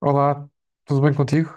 Olá, tudo bem contigo?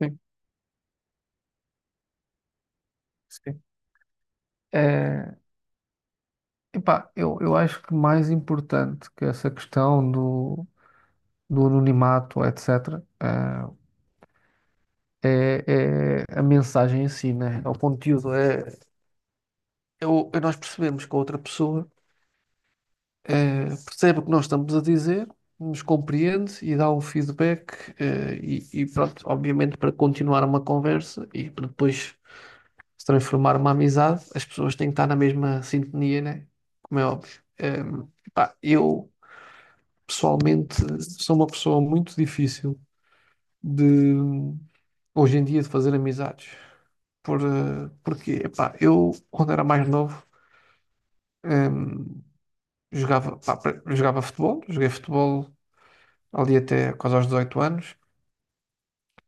Sim, sim. É, epá, eu acho que mais importante que essa questão do anonimato, etc., é a mensagem em si, né? É o conteúdo. É nós percebemos que a outra pessoa percebe o que nós estamos a dizer, nos compreende e dá um feedback, e pronto, obviamente para continuar uma conversa e para depois se transformar uma amizade, as pessoas têm que estar na mesma sintonia, né? Como é óbvio. Pá, eu, pessoalmente, sou uma pessoa muito difícil de, hoje em dia, de fazer amizades. Porque, epá, eu, quando era mais novo, ehm, jogava, pá, jogava futebol, joguei futebol ali até quase aos 18 anos.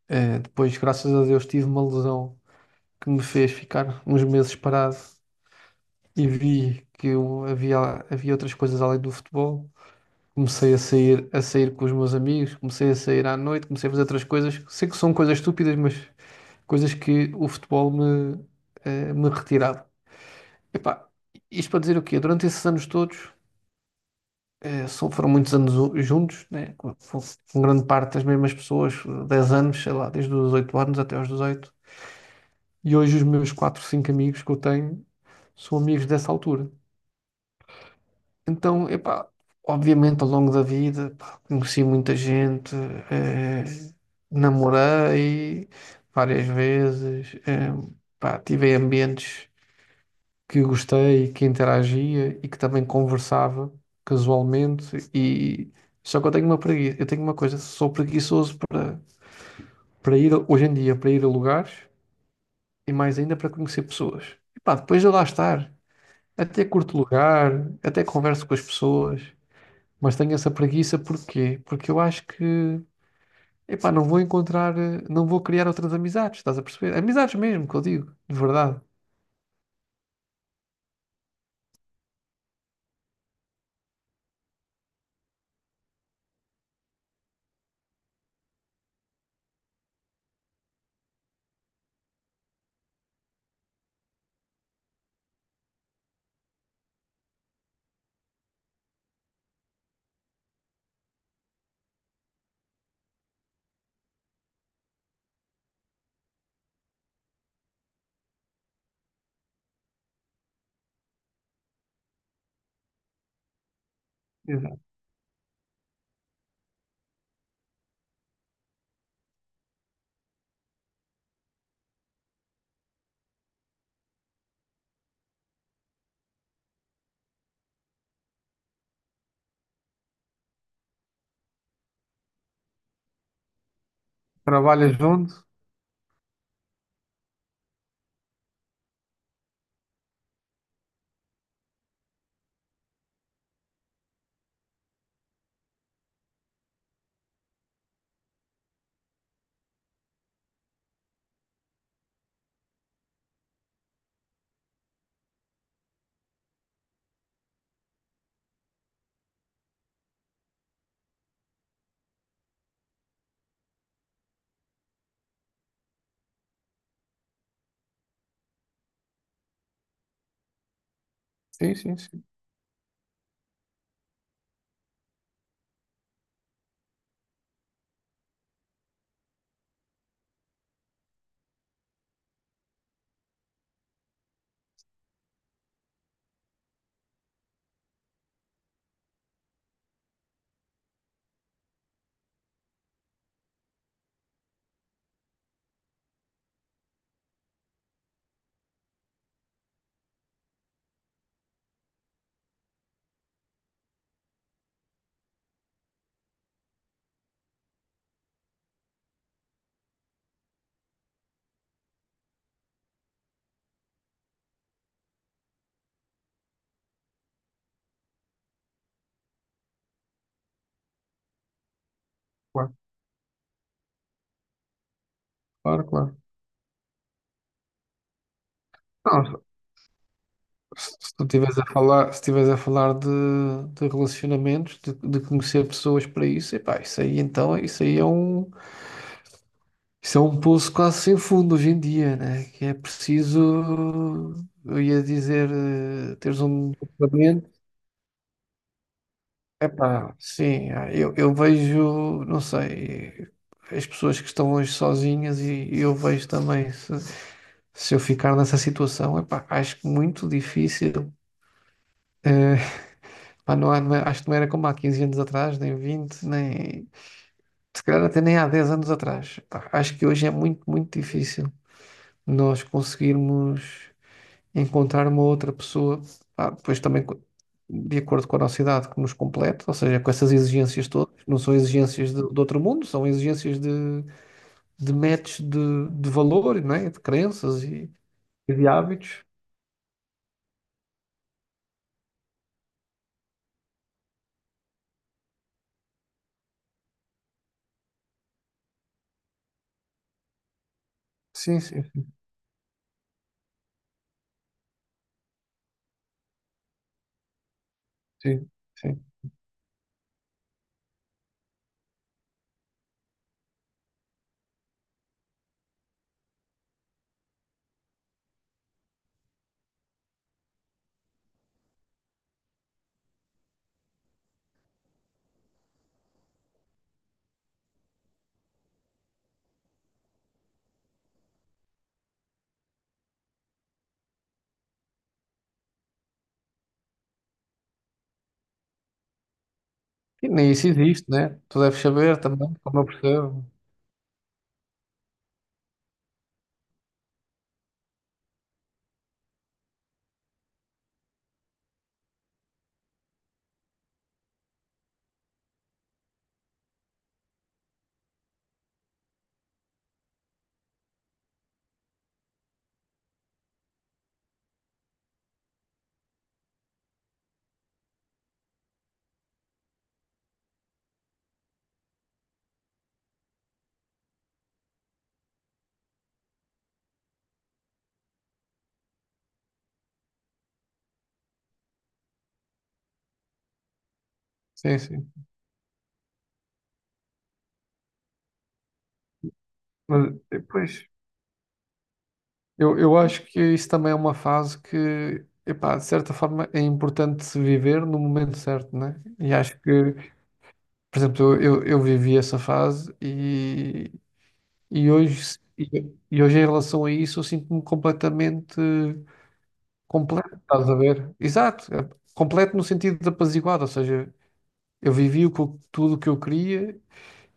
Depois, graças a Deus, tive uma lesão que me fez ficar uns meses parado e vi que eu havia outras coisas além do futebol. Comecei a sair com os meus amigos, comecei a sair à noite, comecei a fazer outras coisas. Sei que são coisas estúpidas, mas coisas que o futebol me retirava. Epá, isto para dizer o quê? Durante esses anos todos, só foram muitos anos juntos, né? Com grande parte das mesmas pessoas, 10 anos, sei lá, desde os 8 anos até aos 18. E hoje os meus 4 5 amigos que eu tenho são amigos dessa altura. Então, epá, obviamente ao longo da vida, pá, conheci muita gente, eh, namorei várias vezes, pá, tive ambientes que gostei, que interagia e que também conversava casualmente, e só que eu tenho uma preguiça, eu tenho uma coisa, sou preguiçoso para ir hoje em dia para ir a lugares e mais ainda para conhecer pessoas. E pá, depois de lá estar, até curto lugar, até converso com as pessoas. Mas tenho essa preguiça porquê? Porque eu acho que, epá, não vou encontrar, não vou criar outras amizades, estás a perceber? Amizades mesmo, que eu digo, de verdade. Exato. Trabalhas junto? Sim, sim, sim. Claro, claro, claro. Não, se tu estiveres a falar, se estiveres a falar de relacionamentos, de conhecer pessoas para isso, epá, isso aí então, isso é um poço quase sem fundo hoje em dia, né? Que é preciso, eu ia dizer, teres um. Epá, sim, ah, eu vejo, não sei, as pessoas que estão hoje sozinhas e eu vejo também, se eu ficar nessa situação, epá, acho que muito difícil. Eh, Pá, acho que não era como há 15 anos atrás, nem 20, nem se calhar até nem há 10 anos atrás. Pá, acho que hoje é muito, muito difícil nós conseguirmos encontrar uma outra pessoa, pá, depois também de acordo com a nossa idade, que nos complete, ou seja, com essas exigências todas, não são exigências de outro mundo, são exigências de match de valor, não é? De crenças e de hábitos. Sim, sim, sim, sim, sim. E nem isso existe, né? Tu deves saber também, como eu percebo. Sim, sim. Mas depois, eu acho que isso também é uma fase que, epá, de certa forma, é importante se viver no momento certo, né? E acho que. Por exemplo, eu vivi essa fase e hoje, e hoje em relação a isso eu sinto-me completamente completo, estás a ver? Exato, é completo no sentido de apaziguado, ou seja, eu vivi o que tudo o que eu queria,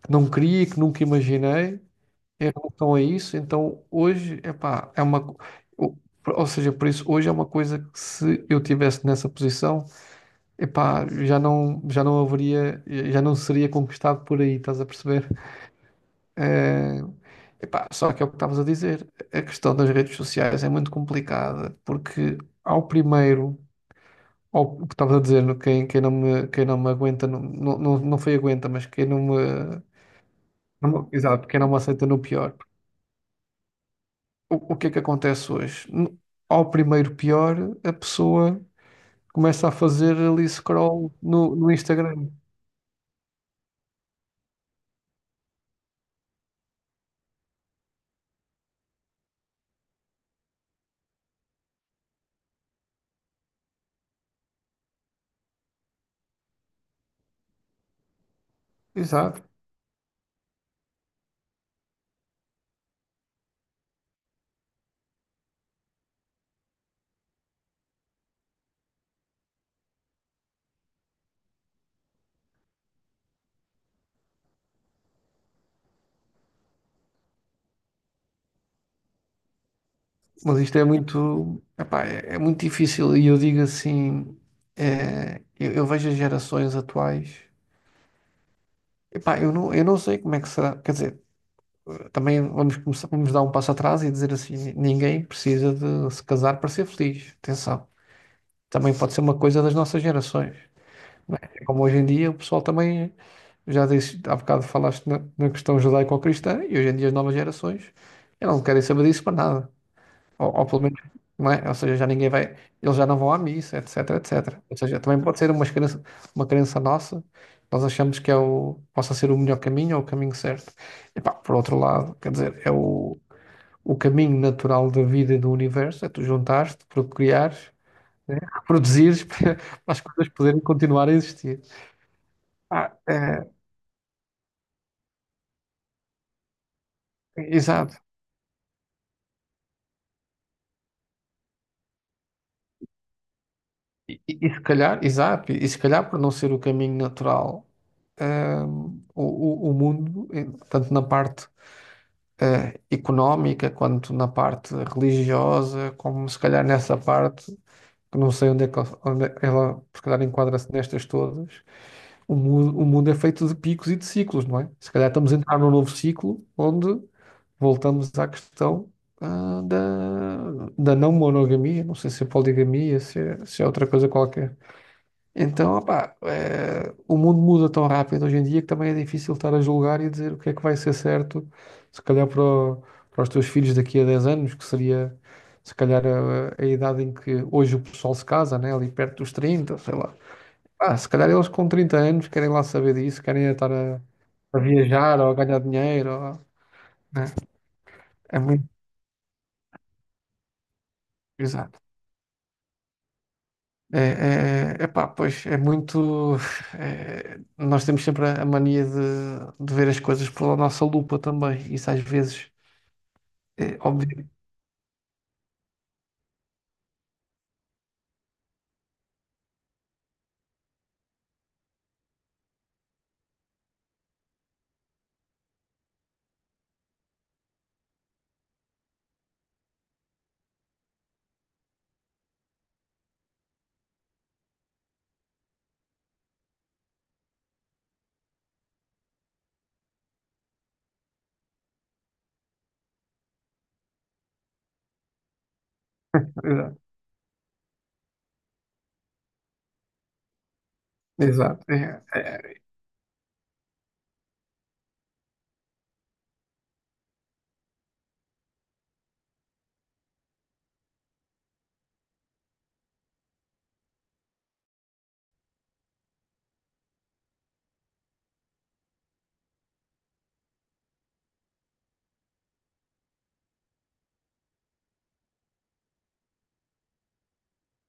que não queria, que nunca imaginei em relação a isso, então hoje, epá, o- ou seja, por isso, hoje é uma coisa que se eu tivesse nessa posição, epá, já não haveria, já não seria conquistado por aí, estás a perceber? Eh, Epá, só que é o que estavas a dizer, a questão das redes sociais é muito complicada, porque ao primeiro, o que estavas a dizer, quem não me, quem não me aguenta, não, não, não foi aguenta, mas quem não me, exato, quem não me aceita no pior. O que é que acontece hoje? Ao primeiro pior, a pessoa começa a fazer ali scroll no Instagram. Exato. Mas isto é muito, epá, é muito difícil e eu digo assim, eu vejo as gerações atuais, epá, eu não sei como é que será, quer dizer, também vamos começar, vamos dar um passo atrás e dizer assim, ninguém precisa de se casar para ser feliz, atenção, também pode ser uma coisa das nossas gerações, não é? É como hoje em dia o pessoal também, já disse, há bocado falaste na questão judaico-cristã e hoje em dia as novas gerações, elas não querem saber disso para nada. Ou pelo menos, não é? Ou seja, já ninguém vai, eles já não vão à missa, etc, etc. Ou seja, também pode ser uma crença nossa, nós achamos que possa ser o melhor caminho ou o caminho certo. E pá, por outro lado, quer dizer, é o caminho natural da vida e do universo, é tu juntares-te, procriares, né? Reproduzires para as coisas poderem continuar a existir. Ah, é, exato. E se calhar, exato, e se calhar por não ser o caminho natural, hum, o, o mundo, tanto na parte económica quanto na parte religiosa, como se calhar nessa parte, que não sei onde é que ela, ela, se calhar enquadra-se nestas todas, o mundo é feito de picos e de ciclos, não é? Se calhar estamos a entrar num novo ciclo onde voltamos à questão, da não monogamia, não sei se é poligamia, se é outra coisa qualquer. Então, opá, o mundo muda tão rápido hoje em dia que também é difícil estar a julgar e dizer o que é que vai ser certo, se calhar para os teus filhos daqui a 10 anos, que seria se calhar a idade em que hoje o pessoal se casa, né? Ali perto dos 30, sei lá. Ah, se calhar eles com 30 anos querem lá saber disso, querem estar a viajar ou a ganhar dinheiro, né? É muito. Exato. É, epá, pois é muito. Nós temos sempre a mania de ver as coisas pela nossa lupa também. Isso às vezes é óbvio. Exato. Exato. É.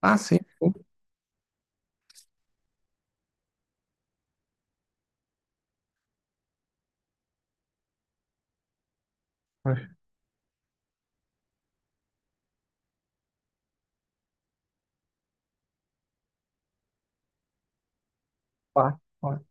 Ah, sim, sim. Pois, pá, pá.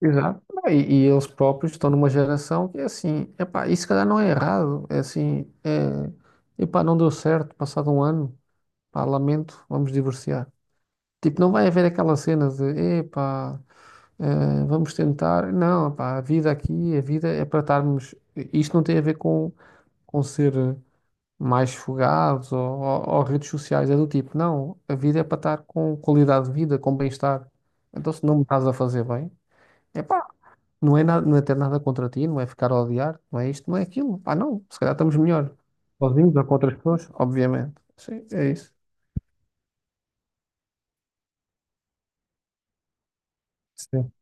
Exato. Ah, E eles próprios estão numa geração que é assim, epá, isso se calhar não é errado. É assim, epá, não deu certo, passado um ano, pá, lamento, vamos divorciar. Tipo, não vai haver aquela cena de, epá. Ah, vamos tentar. Não, pá, a vida aqui, a vida é para estarmos. Isto não tem a ver com ser mais fogados ou redes sociais, é do tipo, não, a vida é para estar com qualidade de vida, com bem-estar. Então, se não me estás a fazer bem, é pá, não é nada, não é ter nada contra ti, não é ficar a odiar, não é isto, não é aquilo. Pá, não, se calhar estamos melhor. Sozinhos ou com outras pessoas? Obviamente. Sim, é isso. Sim.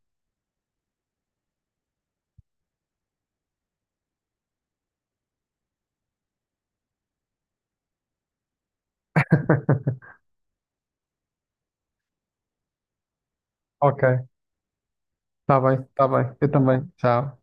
Ok. Está bem, está bem. Eu também. Tchau.